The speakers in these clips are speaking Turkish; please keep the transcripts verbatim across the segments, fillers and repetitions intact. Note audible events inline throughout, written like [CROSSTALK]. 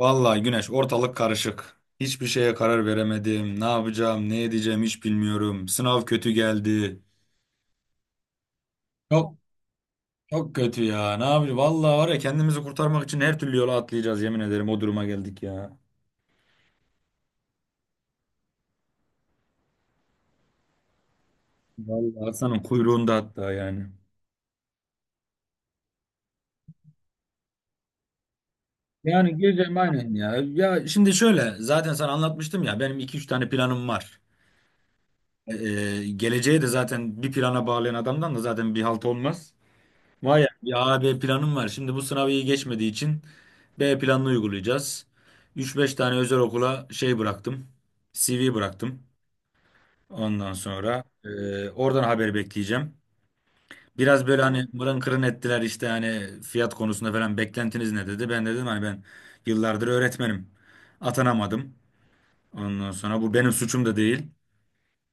Vallahi Güneş ortalık karışık. Hiçbir şeye karar veremedim. Ne yapacağım, ne edeceğim hiç bilmiyorum. Sınav kötü geldi. Çok çok kötü ya. Ne yapacağız? Vallahi var ya kendimizi kurtarmak için her türlü yola atlayacağız yemin ederim. O duruma geldik ya. Vallahi Hasan'ın kuyruğunda hatta yani. Yani gireceğim aynen ya. Ya şimdi şöyle zaten sana anlatmıştım ya benim iki üç tane planım var. Ee, geleceğe de zaten bir plana bağlayan adamdan da zaten bir halt olmaz. Vay ya, bir A, B planım var. Şimdi bu sınavı iyi geçmediği için B planını uygulayacağız. Üç beş tane özel okula şey bıraktım. C V bıraktım. Ondan sonra e, oradan haber bekleyeceğim. Biraz böyle hani mırın kırın ettiler işte hani fiyat konusunda falan beklentiniz ne dedi. Ben de dedim hani ben yıllardır öğretmenim. Atanamadım. Ondan sonra bu benim suçum da değil.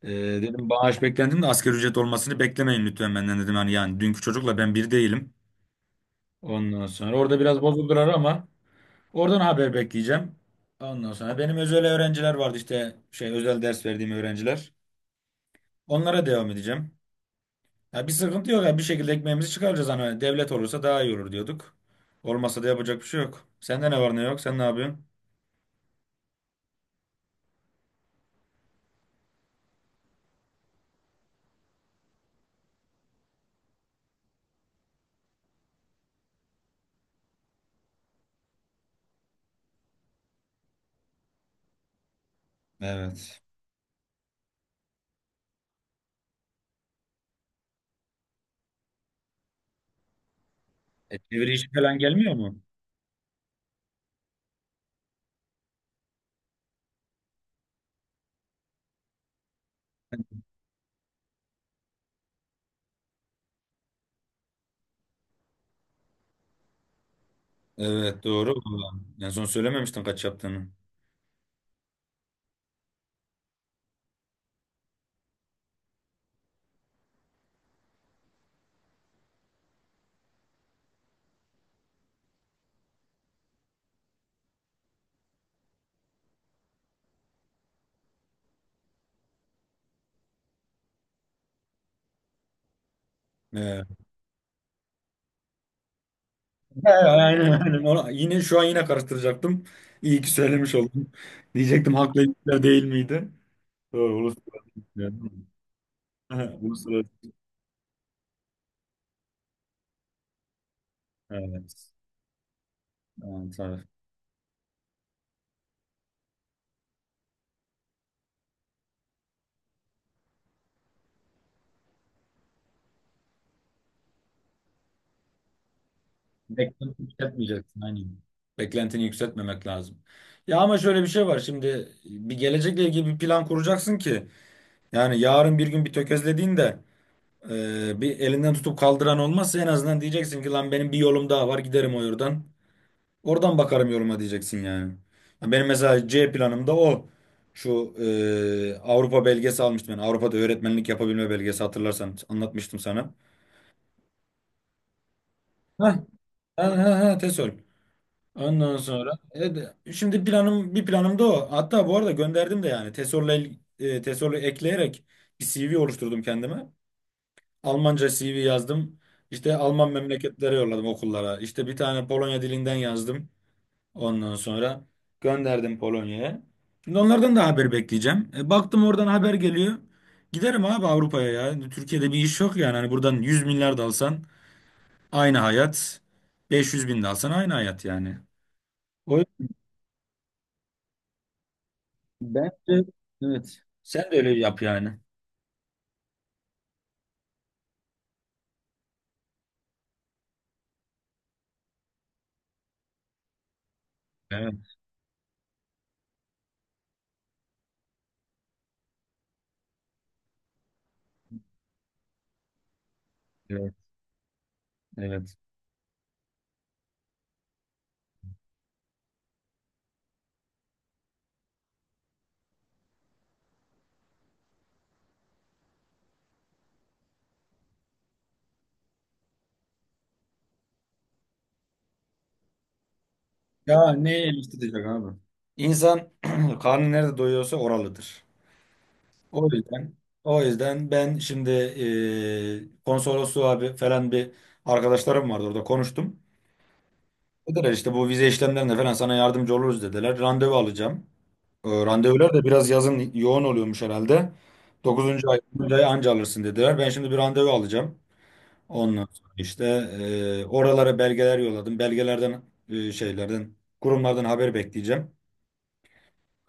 E, dedim bağış beklentim de asgari ücret olmasını beklemeyin lütfen benden dedim. Hani yani dünkü çocukla ben bir değilim. Ondan sonra orada biraz bozuldular ama oradan haber bekleyeceğim. Ondan sonra benim özel öğrenciler vardı işte şey özel ders verdiğim öğrenciler. Onlara devam edeceğim. Ya bir sıkıntı yok ya bir şekilde ekmeğimizi çıkaracağız hani devlet olursa daha iyi olur diyorduk. Olmasa da yapacak bir şey yok. Sende ne var ne yok? Sen ne yapıyorsun? Evet. E, çeviri işi falan gelmiyor mu? Evet doğru. Vallahi. En son söylememiştin kaç yaptığını. Evet. He, aynen aynen. Ona- yine şu an yine karıştıracaktım. İyi ki söylemiş oldum. Diyecektim haklı elitler değil miydi? Doğru, uluslararası elitler değil. He, uluslararası. [LAUGHS] Evet. Evet, evet. Beklentini yükseltmeyeceksin. Aynen. Beklentini yükseltmemek lazım. Ya ama şöyle bir şey var. Şimdi bir gelecekle ilgili bir plan kuracaksın ki yani yarın bir gün bir tökezlediğinde e, bir elinden tutup kaldıran olmazsa en azından diyeceksin ki lan benim bir yolum daha var giderim o yoldan. Oradan bakarım yoruma diyeceksin yani. Ya benim mesela C planımda o. Şu e, Avrupa belgesi almıştım ben. Avrupa'da öğretmenlik yapabilme belgesi hatırlarsan anlatmıştım sana. Heh, ha ha ha TESOL. Ondan sonra e, de- şimdi planım bir planım da o. Hatta bu arada gönderdim de yani TESOL'la il- e, TESOL'ü ekleyerek bir C V oluşturdum kendime. Almanca C V yazdım. İşte Alman memleketlere yolladım okullara. İşte bir tane Polonya dilinden yazdım. Ondan sonra gönderdim Polonya'ya. Şimdi onlardan da haber bekleyeceğim. E, baktım oradan haber geliyor. Giderim abi Avrupa'ya ya. Türkiye'de bir iş yok yani. Hani buradan yüz milyar da alsan aynı hayat. Beş yüz bin de alsan aynı hayat yani. O bence evet. Sen de öyle yap yani. Evet, evet, evet. Ya ne el tutacak abi? İnsan [CLEARS THROAT] karnı nerede doyuyorsa oralıdır. O yüzden o yüzden ben şimdi e, konsolosluğa bir, falan bir arkadaşlarım vardı orada konuştum. Dediler işte bu vize işlemlerinde falan sana yardımcı oluruz dediler. Randevu alacağım. E, randevular da biraz yazın yoğun oluyormuş herhalde. Dokuzuncu ay dokuzuncu ay anca alırsın dediler. Ben şimdi bir randevu alacağım. Ondan sonra işte e, oralara belgeler yolladım. Belgelerden e, şeylerden kurumlardan haber bekleyeceğim.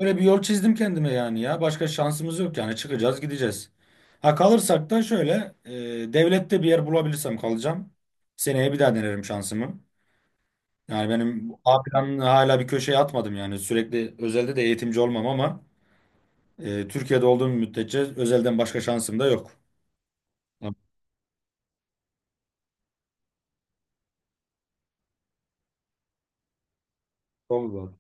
Böyle bir yol çizdim kendime yani ya. Başka şansımız yok yani. Çıkacağız, gideceğiz. Ha kalırsak da şöyle e, devlette bir yer bulabilirsem kalacağım. Seneye bir daha denerim şansımı. Yani benim bu A planını hala bir köşeye atmadım yani. Sürekli özelde de eğitimci olmam ama e, Türkiye'de olduğum müddetçe özelden başka şansım da yok. Tamam. Oldu abi.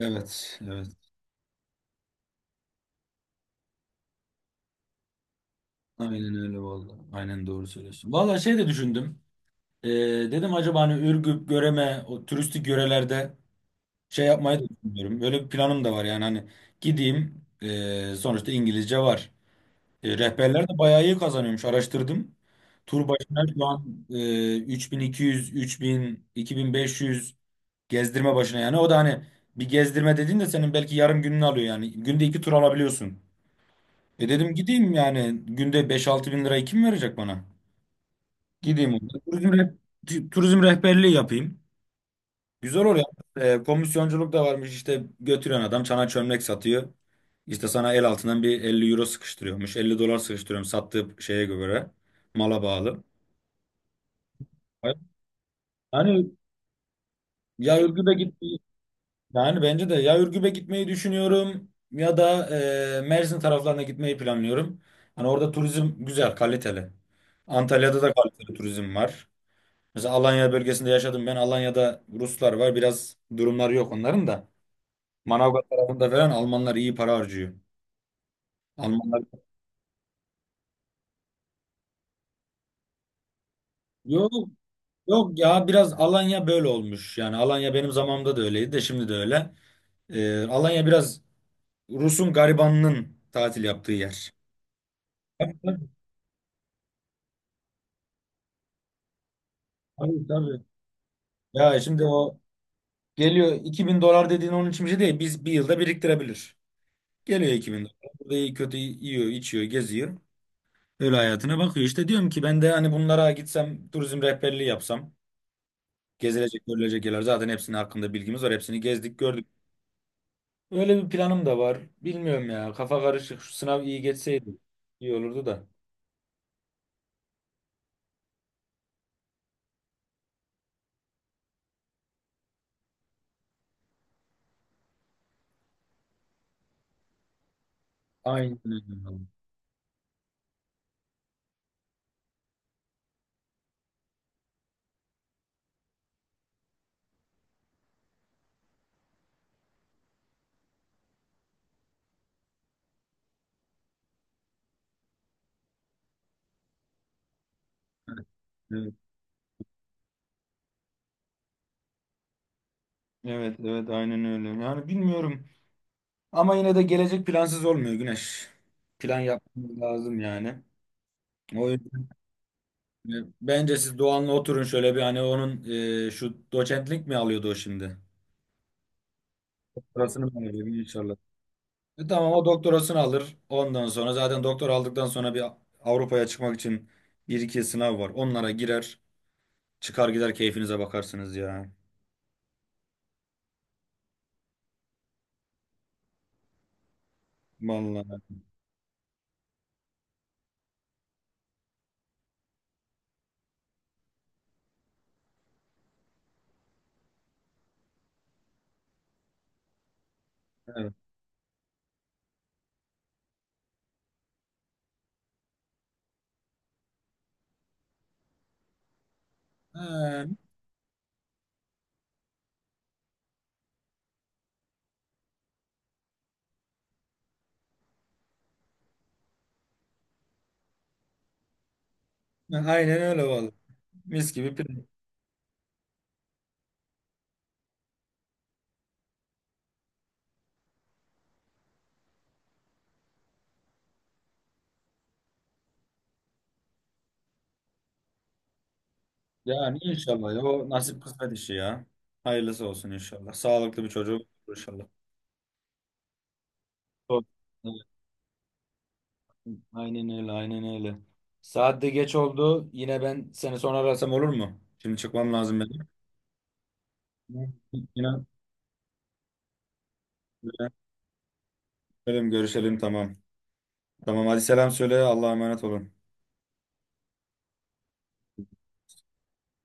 Evet, evet. Aynen öyle vallahi. Aynen doğru söylüyorsun. Vallahi şey de düşündüm. E, dedim acaba hani Ürgüp, Göreme, o turistik yörelerde şey yapmayı da düşünüyorum. Böyle bir planım da var yani hani gideyim e, sonuçta İngilizce var. E, rehberler de bayağı iyi kazanıyormuş araştırdım. Tur başına şu an e, üç bin iki yüz, üç bin, iki bin beş yüz gezdirme başına yani. O da hani bir gezdirme dediğin de senin belki yarım gününü alıyor yani. Günde iki tur alabiliyorsun. E dedim gideyim yani günde beş altı bin lirayı kim verecek bana? Gideyim orada. Turizm, reh- turizm rehberliği yapayım. Güzel oluyor. E, komisyonculuk da varmış işte götürüyorsun adam çana çömlek satıyor. İşte sana el altından bir elli euro sıkıştırıyormuş. Elli dolar sıkıştırıyorum sattığı şeye göre. Mala bağlı. Hani ya Ürgüp'e git yani bence de ya Ürgüp'e gitmeyi düşünüyorum ya da e, Mersin taraflarına gitmeyi planlıyorum. Hani orada turizm güzel, kaliteli. Antalya'da da kaliteli turizm var. Mesela Alanya bölgesinde yaşadım ben. Alanya'da Ruslar var. Biraz durumları yok onların da. Manavgat tarafında falan Almanlar iyi para harcıyor. Almanlar yok yok ya biraz Alanya böyle olmuş. Yani Alanya benim zamanımda da öyleydi de şimdi de öyle. Ee, Alanya biraz Rus'un garibanının tatil yaptığı yer. Tabii tabii. Tabii. Ya şimdi o geliyor iki bin dolar dediğin onun için bir şey değil. Biz bir yılda biriktirebilir. Geliyor iki bin dolar. Burada iyi kötü yiyor, içiyor, geziyor. Öyle hayatına bakıyor. İşte diyorum ki ben de hani bunlara gitsem turizm rehberliği yapsam. Gezilecek, görülecek yerler zaten hepsinin hakkında bilgimiz var. Hepsini gezdik, gördük. Öyle bir planım da var. Bilmiyorum ya. Kafa karışık. Şu sınav iyi geçseydi iyi olurdu da. Aynen öyle, abi. Evet, evet, evet aynen öyle. Yani bilmiyorum. Ama yine de gelecek plansız olmuyor Güneş. Plan yapmamız lazım yani. O yüzden e, bence siz Doğan'la oturun şöyle bir hani onun e, şu doçentlik mi alıyordu o şimdi? Doktorasını mı alıyor inşallah. E, tamam, o doktorasını alır. Ondan sonra zaten doktor aldıktan sonra bir Avrupa'ya çıkmak için bir iki sınav var. Onlara girer. Çıkar gider keyfinize bakarsınız ya. Vallahi. Evet. Ha, aynen öyle vallahi. Mis gibi pirinç. Yani inşallah ya, o nasip kısmet işi ya. Hayırlısı olsun inşallah. Sağlıklı bir çocuk olur inşallah. Doğru. Evet. Aynen öyle, aynen öyle. Saat de geç oldu. Yine ben seni sonra arasam olur mu? Şimdi çıkmam lazım benim. Yine yine- görüşelim tamam. Tamam hadi selam söyle. Allah'a emanet olun.